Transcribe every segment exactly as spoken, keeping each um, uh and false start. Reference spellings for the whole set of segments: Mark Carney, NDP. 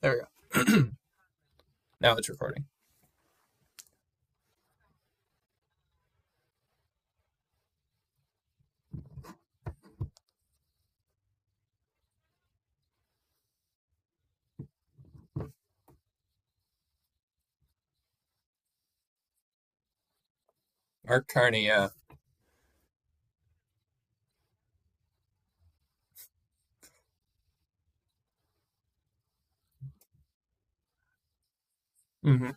There we go. Now it's recording. Mark Carney, yeah. hmm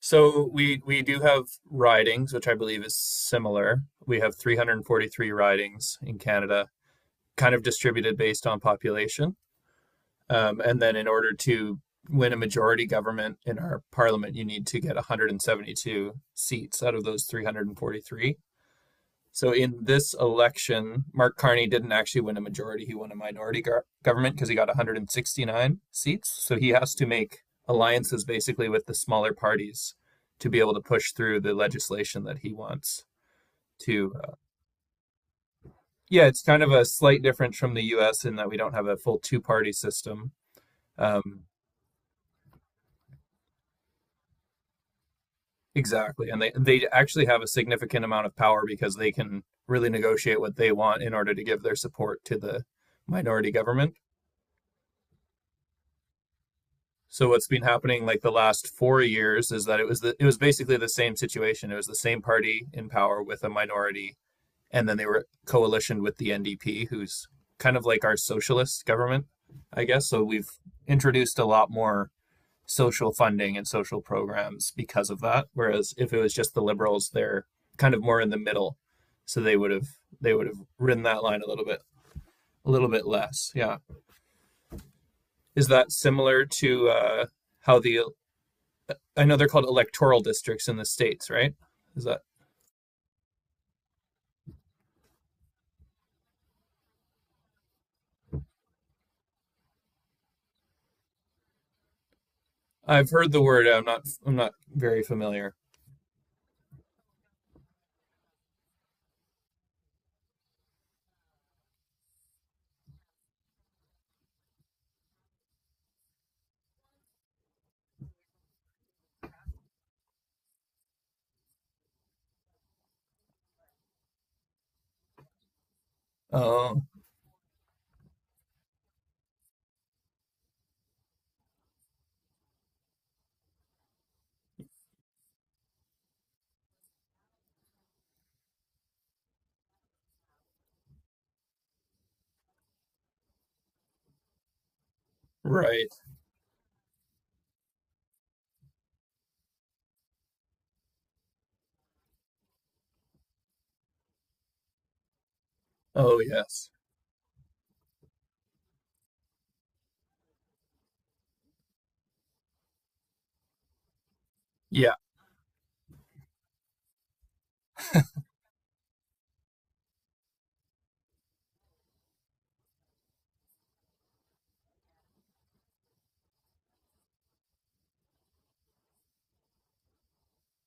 So we we do have ridings, which I believe is similar. We have three hundred forty-three ridings in Canada, kind of distributed based on population. Um, and then in order to win a majority government in our parliament, you need to get one hundred seventy-two seats out of those three hundred forty-three. So in this election, Mark Carney didn't actually win a majority. He won a minority go- government because he got one hundred sixty-nine seats. So he has to make alliances basically with the smaller parties to be able to push through the legislation that he wants to. Uh, yeah, it's kind of a slight difference from the U S in that we don't have a full two party system. Um, exactly. And they, they actually have a significant amount of power because they can really negotiate what they want in order to give their support to the minority government. So what's been happening like the last four years is that it was the it was basically the same situation. It was the same party in power with a minority, and then they were coalitioned with the N D P, who's kind of like our socialist government, I guess. So we've introduced a lot more social funding and social programs because of that. Whereas if it was just the liberals, they're kind of more in the middle. So they would have they would have ridden that line a little bit a little bit less. Yeah. Is that similar to uh, how the— I know they're called electoral districts in the states, right? Is that— I've heard the word. I'm not. I'm not very familiar. Oh, right. Oh, yes. Yeah.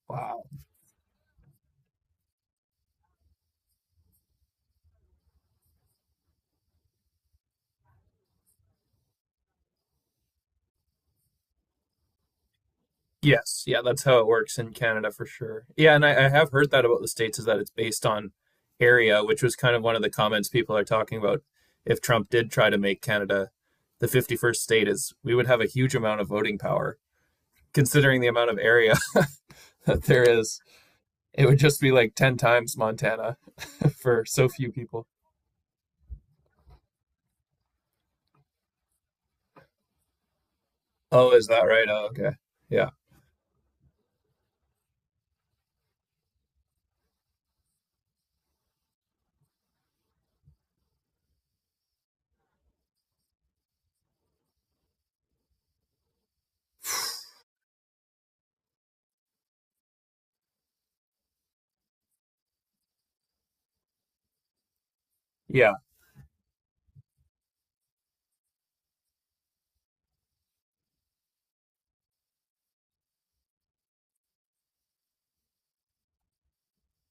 Wow. Yes. Yeah. That's how it works in Canada for sure. Yeah, and I, I have heard that about the states is that it's based on area, which was kind of one of the comments people are talking about. If Trump did try to make Canada the fifty-first state, is we would have a huge amount of voting power considering the amount of area that there is. It would just be like ten times Montana for so few people. Oh, is that right? Oh, okay. Yeah. Yeah.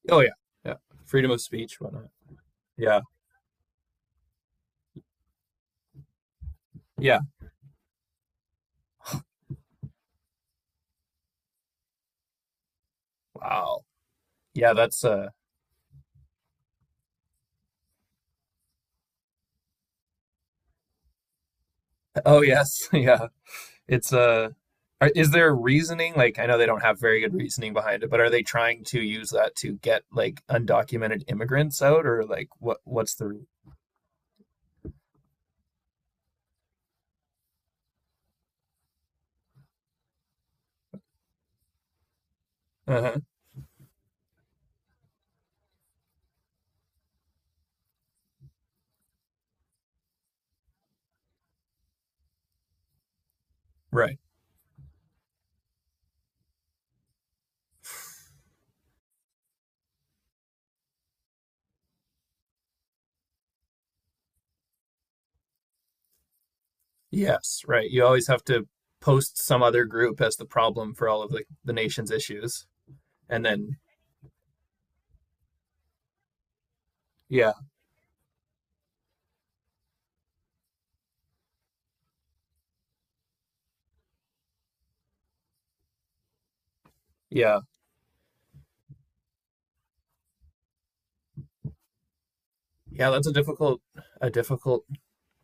Oh, yeah. Yeah. Freedom of speech, whatnot. Yeah. Yeah. Wow. Yeah, that's uh— oh yes, yeah. It's uh— are- is there reasoning? Like I know they don't have very good reasoning behind it, but are they trying to use that to get like undocumented immigrants out, or like what what's the— Uh-huh. Right. Yes, right. You always have to post some other group as the problem for all of the, the nation's issues. And then— Yeah. Yeah. Yeah, that's a difficult a difficult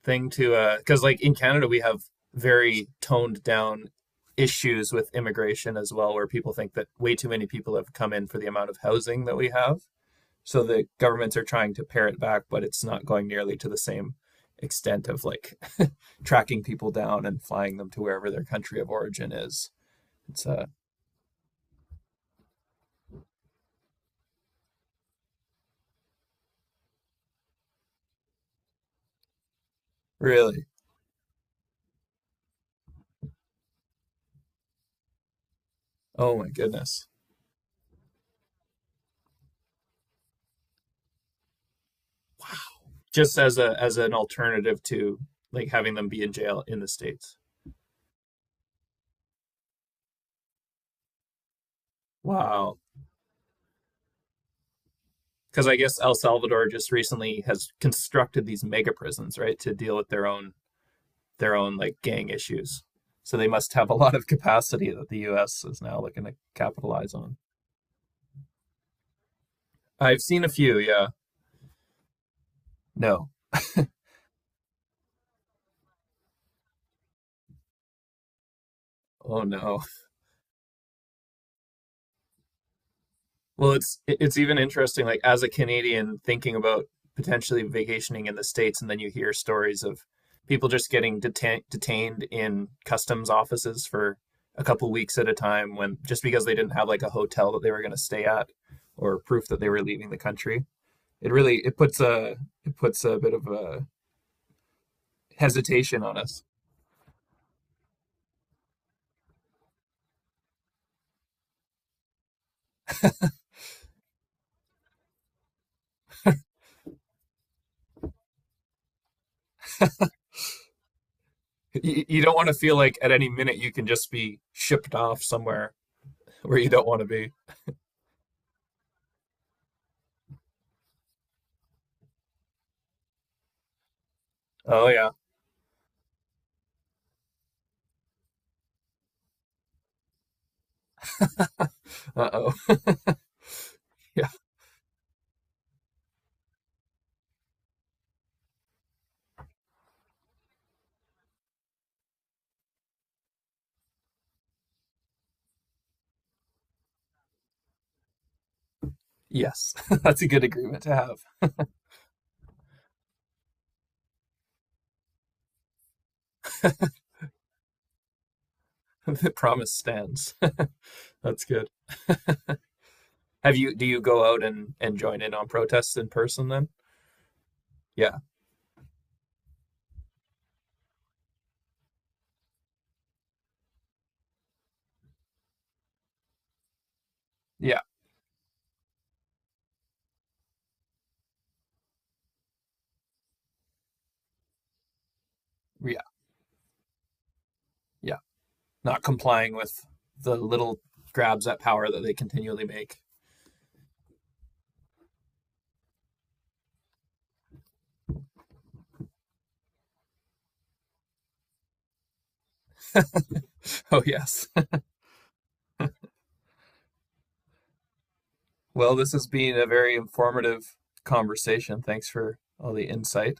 thing to uh— cuz like in Canada we have very toned down issues with immigration as well, where people think that way too many people have come in for the amount of housing that we have. So the governments are trying to pare it back, but it's not going nearly to the same extent of like tracking people down and flying them to wherever their country of origin is. It's uh— really— oh my goodness. Just as a as an alternative to like having them be in jail in the states. Wow. Because I guess El Salvador just recently has constructed these mega prisons, right, to deal with their own their own like gang issues. So they must have a lot of capacity that the U S is now looking to capitalize on. I've seen a few, yeah. No, oh no. Well, it's it's even interesting, like as a Canadian thinking about potentially vacationing in the States, and then you hear stories of people just getting detain detained in customs offices for a couple weeks at a time, when— just because they didn't have like a hotel that they were going to stay at or proof that they were leaving the country. It really— it puts a it puts a bit of a hesitation on us. You, you don't want to feel like at any minute you can just be shipped off somewhere where you don't want to be. Oh yeah. Uh-oh. Yeah. Yes, that's a good agreement to have. The promise stands. That's good. Have you, do you go out and, and join in on protests in person then? Yeah, yeah, yeah, yeah. Not complying with the little grabs at power that they continually make. Oh, yes. Well, this has been a very informative conversation. Thanks for all the insight.